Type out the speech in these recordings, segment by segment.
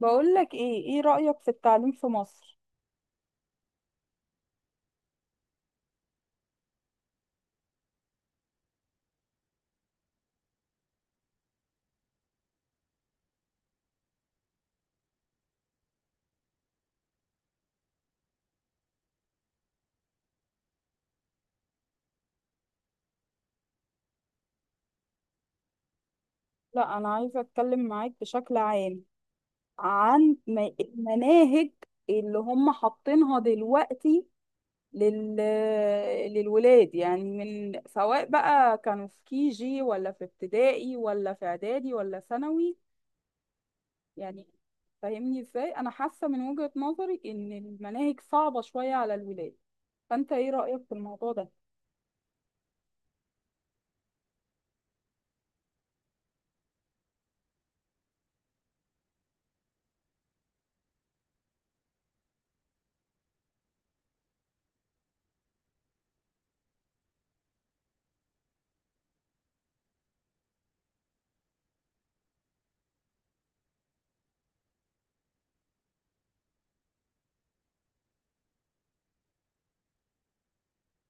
بقول لك ايه، ايه رأيك في التعليم في مصر؟ لا، انا عايزة اتكلم معاك بشكل عام عن المناهج اللي هم حاطينها دلوقتي لل... للولاد، يعني من سواء بقى كانوا في كي جي ولا في ابتدائي ولا في اعدادي ولا ثانوي. يعني فاهمني ازاي، انا حاسة من وجهة نظري ان المناهج صعبة شوية على الولاد. فانت ايه رأيك في الموضوع ده؟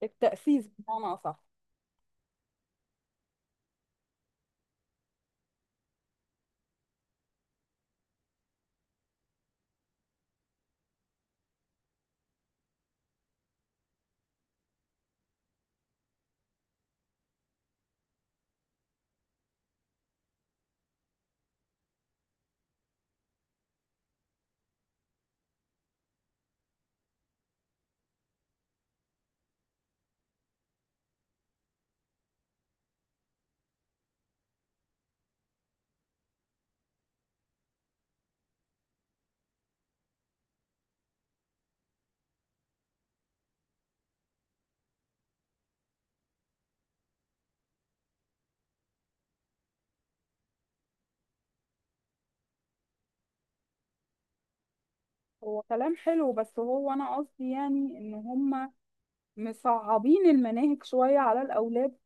التأسيس بمعنى اصح. هو كلام حلو، بس هو انا قصدي يعني ان هم مصعبين المناهج شوية على الاولاد.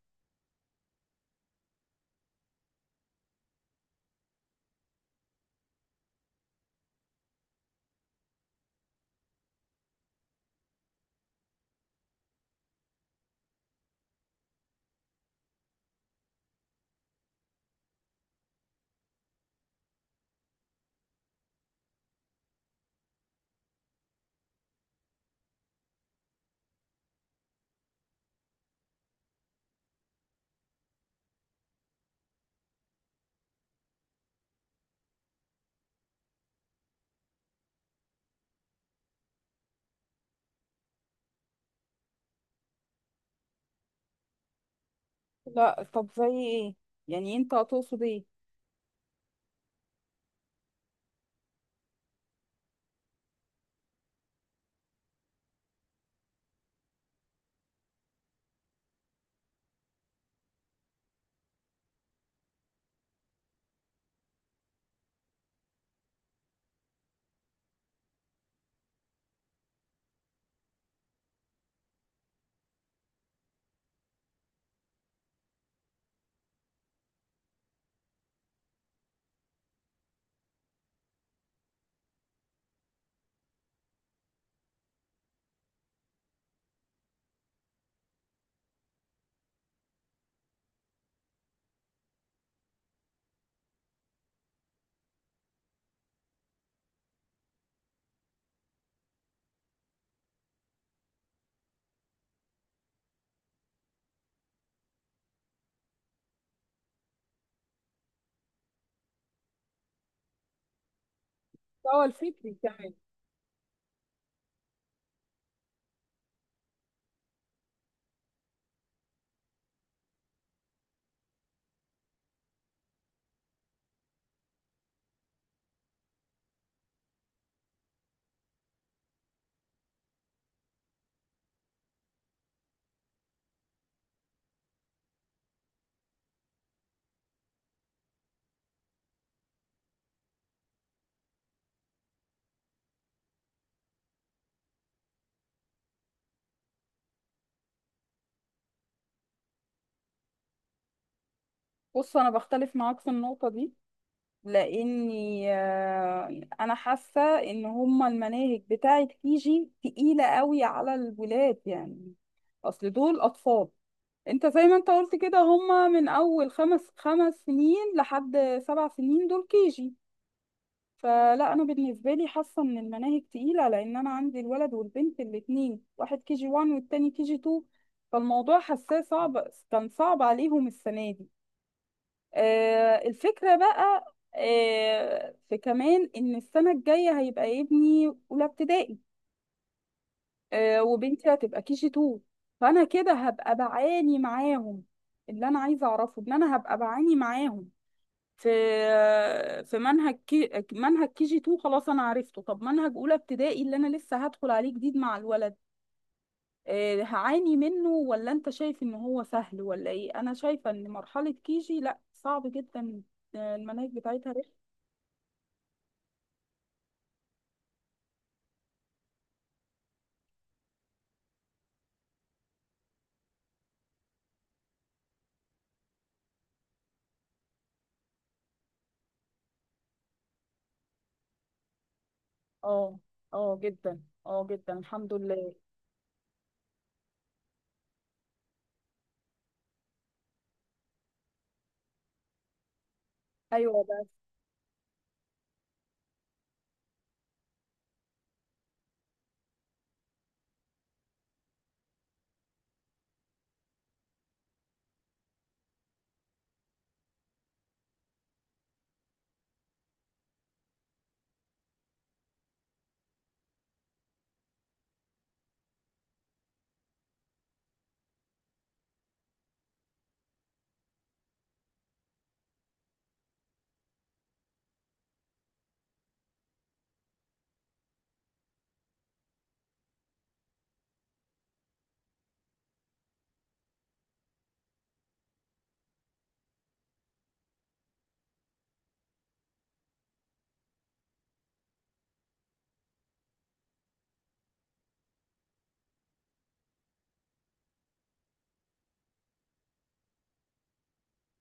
لا، طب زي ايه يعني، انت هتقصد ايه؟ هو الفكري كمان. بص، انا بختلف معاك في النقطة دي، لاني انا حاسة ان هم المناهج بتاعة جي تقيلة قوي على الولاد. يعني اصل دول اطفال، انت زي ما انت قلت كده، هم من اول خمس سنين لحد 7 سنين، دول كيجي. فلا، انا بالنسبه لي حاسه ان المناهج تقيله، لان انا عندي الولد والبنت الاثنين، واحد كي جي 1 والتاني كي جي 2. فالموضوع حاساه صعب، كان صعب عليهم السنه دي. آه، الفكره بقى، في كمان ان السنه الجايه هيبقى ابني اولى ابتدائي، وبنتي هتبقى كي جي 2. فانا كده هبقى بعاني معاهم. اللي انا عايزه اعرفه، ان انا هبقى بعاني معاهم في في منهج كي جي 2. خلاص انا عرفته. طب منهج اولى ابتدائي اللي انا لسه هدخل عليه جديد مع الولد، هعاني منه ولا انت شايف ان هو سهل ولا ايه؟ انا شايفه ان مرحله كي جي لا، صعب جدا. المناهج بتاعتها رخمه. اه، اه جدا، اه جدا، الحمد لله. ايوه بس.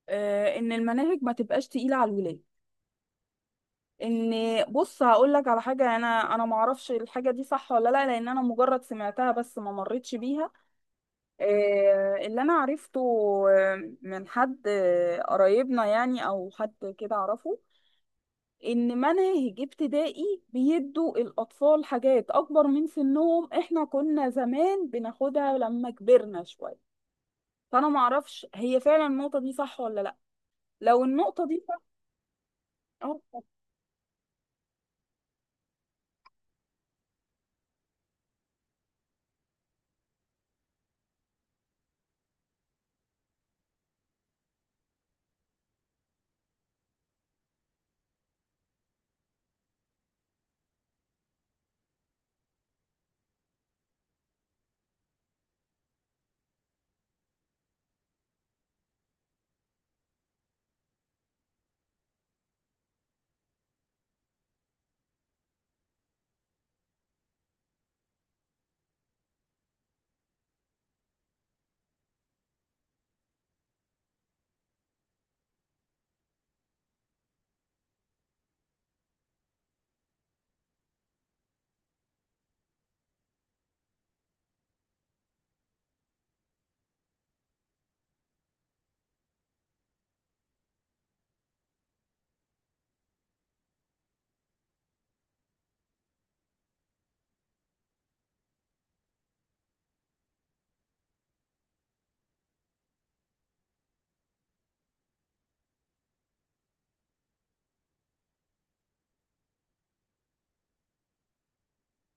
ان المناهج ما تبقاش تقيله على الولاد، ان بص هقول لك على حاجه. انا ما اعرفش الحاجه دي صح ولا لا، لان انا مجرد سمعتها بس ما مرتش بيها. اللي انا عرفته من حد قرايبنا يعني، او حد كده اعرفه، ان مناهج ابتدائي بيدوا الاطفال حاجات اكبر من سنهم. احنا كنا زمان بناخدها لما كبرنا شويه. فانا ما اعرفش هي فعلا النقطه دي صح ولا لا. لو النقطه دي صح، أه،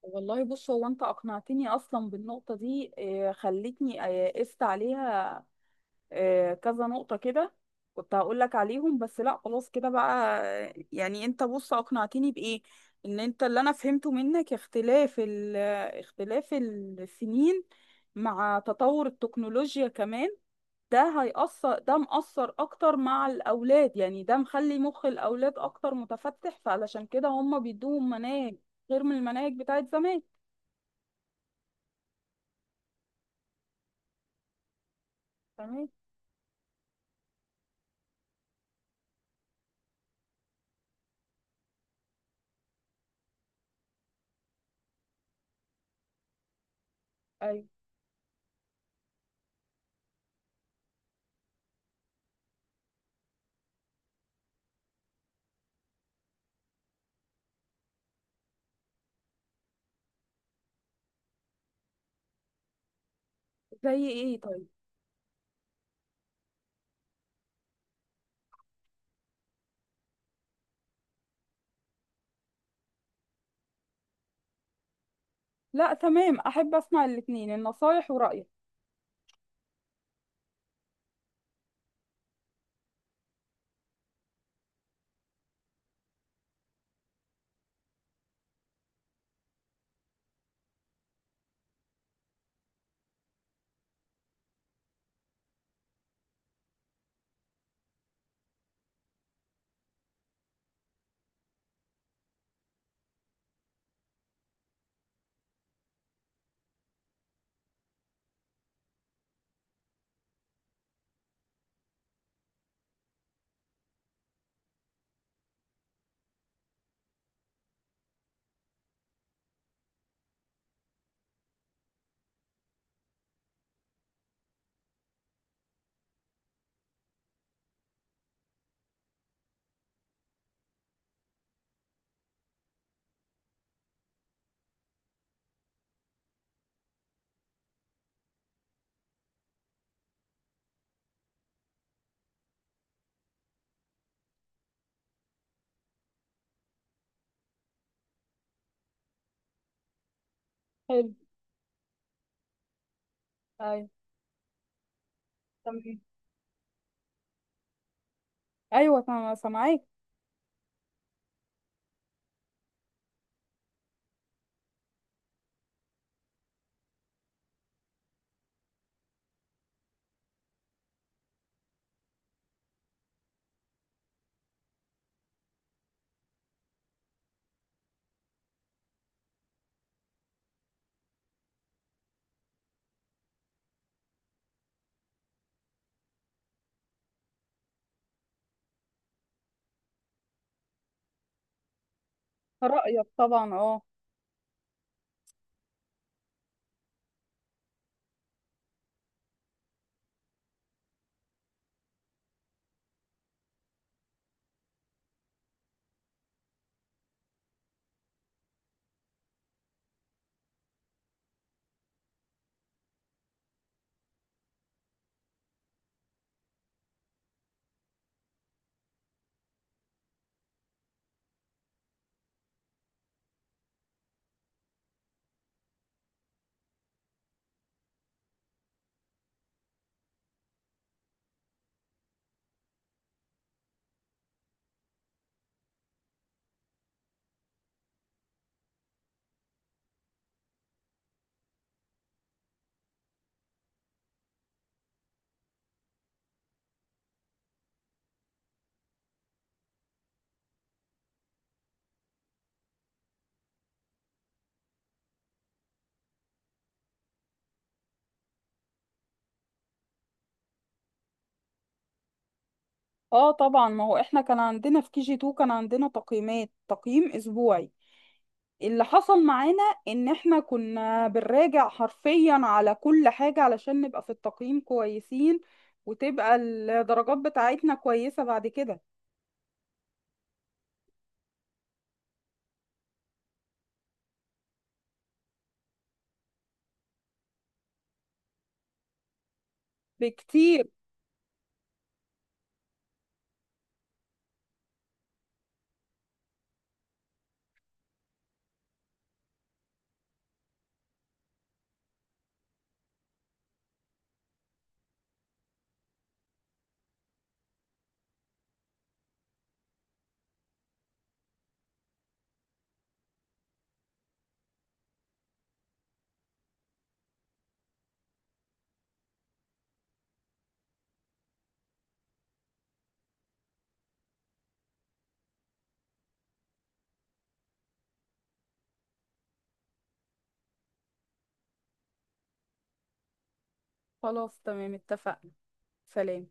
والله بص، هو انت اقنعتني اصلا بالنقطه دي، خلتني قست عليها. كذا نقطة كده كنت هقول لك عليهم، بس لا، خلاص كده بقى. يعني انت بص اقنعتني بإيه؟ ان انت، اللي انا فهمته منك، اختلاف اختلاف السنين مع تطور التكنولوجيا كمان، ده هيأثر، ده مأثر اكتر مع الاولاد. يعني ده مخلي مخ الاولاد اكتر متفتح، فعلشان كده هم بيدوهم مناهج غير من المناهج بتاعت زمان. تمام. ايوه. زي ايه طيب؟ لا تمام، احب اسمع الاتنين، النصايح ورأيك. حلو. ايوه تمام. ايوه تمام، سامعاك. رايك طبعا، اه. اه طبعا، ما هو احنا كان عندنا في كي جي 2 كان عندنا تقييمات، تقييم اسبوعي. اللي حصل معانا ان احنا كنا بنراجع حرفيا على كل حاجه علشان نبقى في التقييم كويسين، وتبقى الدرجات بتاعتنا كويسه بعد كده. بكتير. خلاص تمام، اتفقنا. سلام.